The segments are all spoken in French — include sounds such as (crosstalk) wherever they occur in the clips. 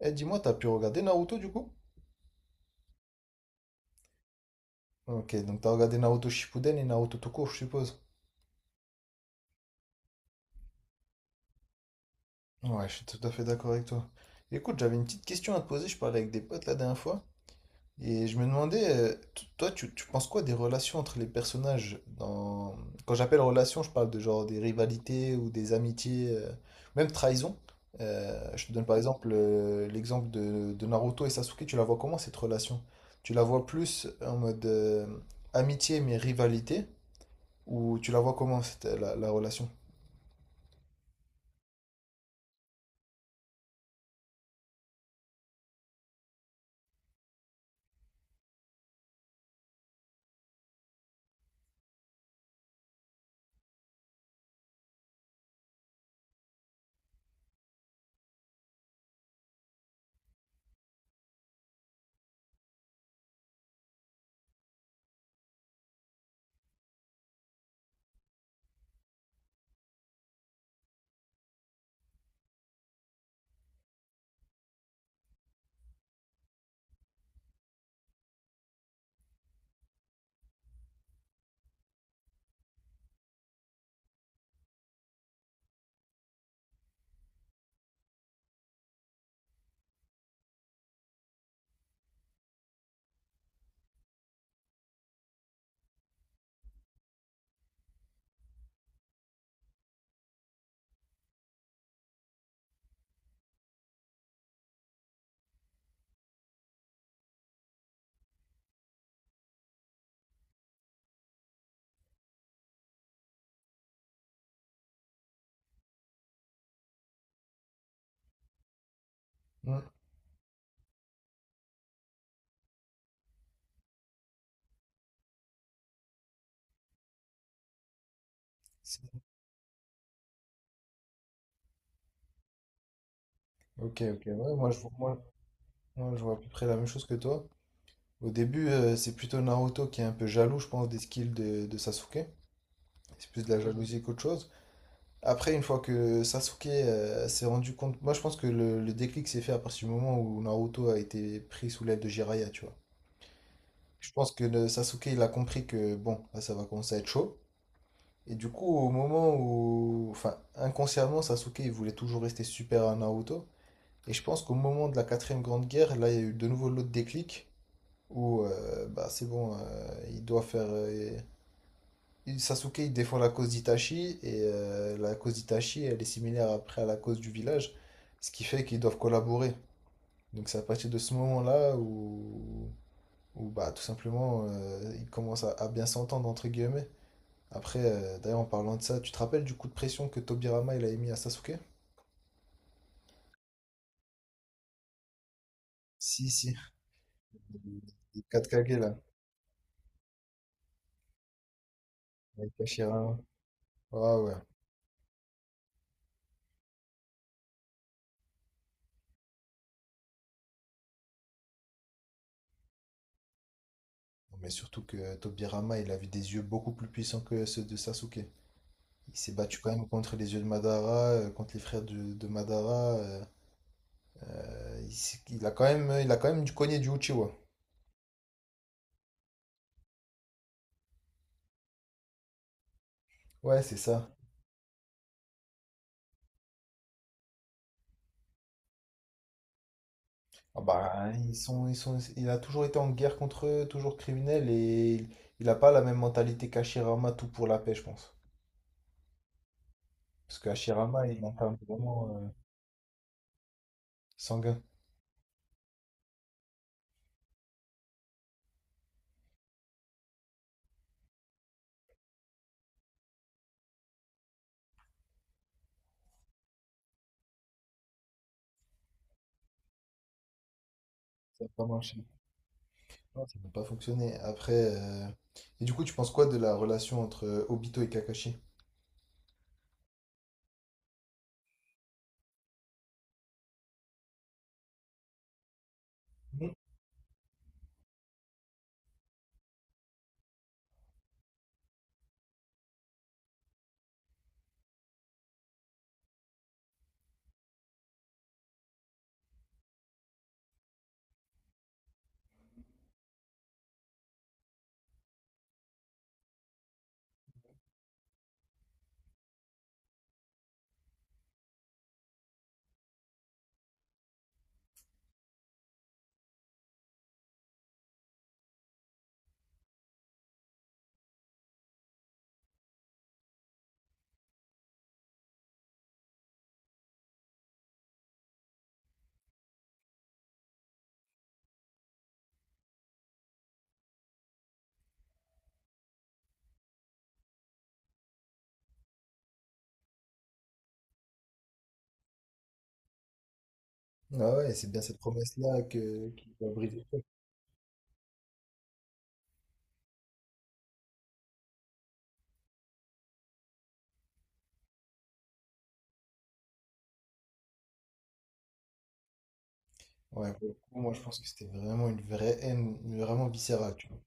Eh, dis-moi, t'as pu regarder Naruto du coup? Ok, donc t'as regardé Naruto Shippuden et Naruto tout court, je suppose. Ouais, je suis tout à fait d'accord avec toi. Écoute, j'avais une petite question à te poser, je parlais avec des potes la dernière fois, et je me demandais, toi, tu penses quoi des relations entre les personnages dans... Quand j'appelle relations, je parle de genre des rivalités ou des amitiés, même trahison. Je te donne par exemple l'exemple de Naruto et Sasuke, tu la vois comment cette relation? Tu la vois plus en mode amitié mais rivalité? Ou tu la vois comment, c'était la relation? Hmm. C'est- Ok, ok, ouais, moi, moi, je vois à peu près la même chose que toi. Au début, c'est plutôt Naruto qui est un peu jaloux, je pense, des skills de Sasuke. C'est plus de la Mhm. jalousie qu'autre chose. Après, une fois que Sasuke s'est rendu compte, moi je pense que le déclic s'est fait à partir du moment où Naruto a été pris sous l'aile de Jiraiya, tu vois. Je pense que le Sasuke, il a compris que bon, là ça va commencer à être chaud. Et du coup, au moment où, enfin, inconsciemment, Sasuke, il voulait toujours rester super à Naruto. Et je pense qu'au moment de la quatrième grande guerre, là, il y a eu de nouveau l'autre déclic où bah, c'est bon, il doit faire. Il- Sasuke, il défend la cause d'Itachi et la cause d'Itachi, elle est similaire après à la cause du village, ce qui fait qu'ils doivent collaborer. Donc c'est à partir de ce moment-là où bah, tout simplement ils commencent à bien s'entendre, entre guillemets. Après, d'ailleurs, en parlant de ça, tu te rappelles du coup de pression que Tobirama il a mis à Sasuke? Si, si. Les 4 Kage là, avec Hashirama. Ah ouais. Mais surtout que Tobirama, il avait des yeux beaucoup plus puissants que ceux de Sasuke. Il s'est battu quand même contre les yeux de Madara, contre les frères de Madara. Il a quand même, il a quand même du cogné du Uchiwa. Ouais, c'est ça. Ah bah, ils sont, il a toujours été en guerre contre eux, toujours criminel, il a pas la même mentalité qu'Hashirama, tout pour la paix, je pense. Parce qu'Hashirama, il est un peu vraiment sanguin. Ça n'a pas marché. Non, ça n'a pas fonctionné. Après, Et du coup, tu penses quoi de la relation entre Obito et Kakashi? Ah ouais, c'est bien cette promesse-là qui va briser tout. Ouais, pour le coup, moi je pense que c'était vraiment une vraie haine, mais vraiment viscérale, tu vois.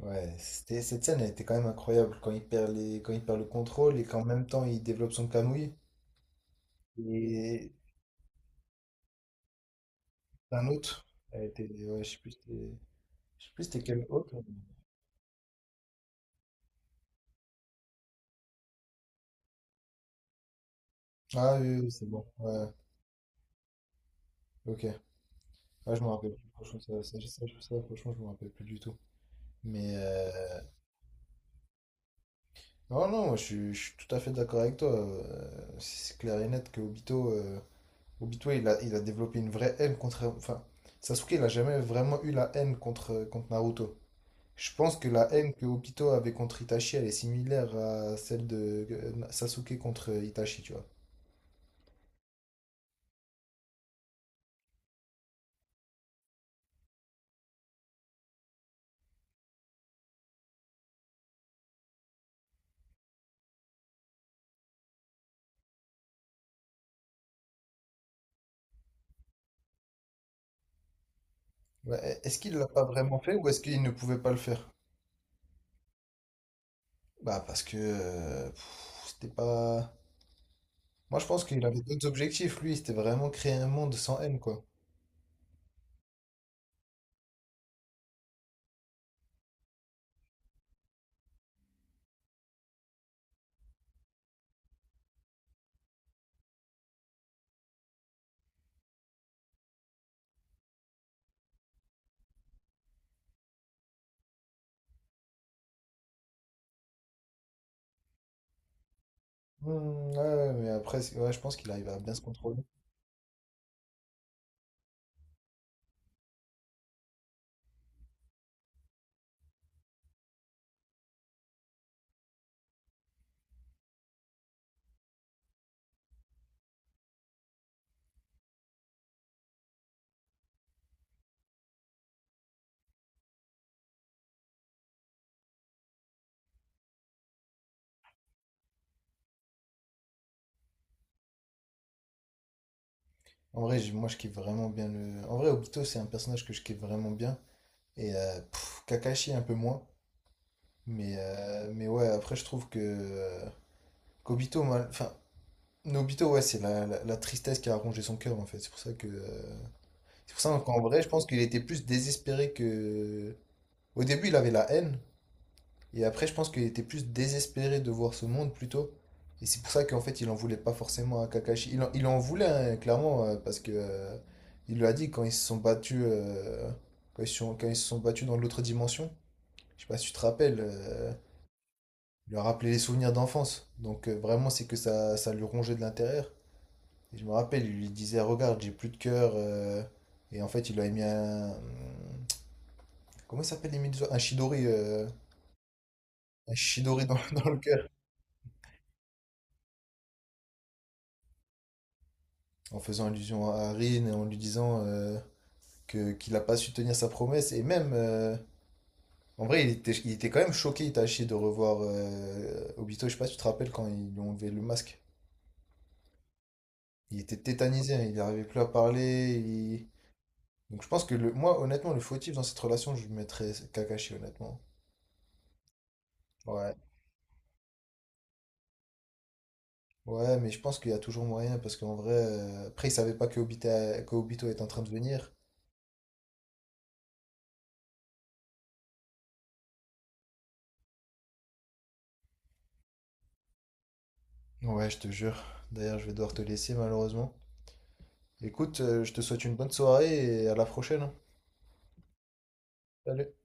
Ouais, c'était, cette scène, elle était quand même incroyable quand il perd les, quand il perd le contrôle et qu'en même temps il développe son camouille. Et un autre, elle était, ouais, je sais plus, je sais plus c'était quel autre. Ah oui, oui, oui, c'est bon, ouais, ok. Ah, je me rappelle plus, franchement, franchement, je me rappelle plus du tout. Mais non, non, moi, je suis tout à fait d'accord avec toi. C'est clair et net que Obito. Obito, il a développé une vraie haine contre. Enfin, Sasuke, il a jamais vraiment eu la haine contre, contre Naruto. Je pense que la haine que Obito avait contre Itachi, elle est similaire à celle de Sasuke contre Itachi, tu vois. Ouais, est-ce qu'il l'a pas vraiment fait ou est-ce qu'il ne pouvait pas le faire? Bah parce que c'était pas. Moi je pense qu'il avait d'autres objectifs, lui, c'était vraiment créer un monde sans haine, quoi. Hmm, ouais, ouais, mais après, ouais, je pense qu'il arrive à bien se contrôler. En vrai, moi, je kiffe vraiment bien le. En vrai, Obito, c'est un personnage que je kiffe vraiment bien. Et Kakashi, un peu moins. Mais ouais, après, je trouve que. qu'Obito, Nobito, ouais, c'est la tristesse qui a rongé son cœur, en fait. C'est pour ça que. C'est pour ça qu'en vrai, je pense qu'il était plus désespéré que. Au début, il avait la haine. Et après, je pense qu'il était plus désespéré de voir ce monde plutôt. Et c'est pour ça qu'en fait, il en voulait pas forcément à Kakashi. Il en voulait, hein, clairement, parce que il lui a dit quand ils se sont battus, quand ils se sont battus dans l'autre dimension. Je sais pas si tu te rappelles, il lui a rappelé les souvenirs d'enfance. Donc vraiment, c'est que ça lui rongeait de l'intérieur. Et je me rappelle, il lui disait, regarde, j'ai plus de cœur. Et en fait, il lui a mis un. Comment il s'appelle les Medusa Un Shidori. Un Shidori dans, (laughs) dans le cœur. En faisant allusion à Rin et en lui disant que qu'il n'a pas su tenir sa promesse. Et même, en vrai, il était quand même choqué, Itachi, de revoir Obito. Je sais pas si tu te rappelles quand ils lui ont enlevé le masque. Il était tétanisé, hein, il n'arrivait plus à parler. Donc je pense que le, moi, honnêtement, le fautif dans cette relation, je mettrais Kakashi, honnêtement. Ouais. Ouais, mais je pense qu'il y a toujours moyen parce qu'en vrai, après, il savait pas que que Obito est en train de venir. Ouais, je te jure. D'ailleurs, je vais devoir te laisser malheureusement. Écoute, je te souhaite une bonne soirée et à la prochaine. Hein. Salut.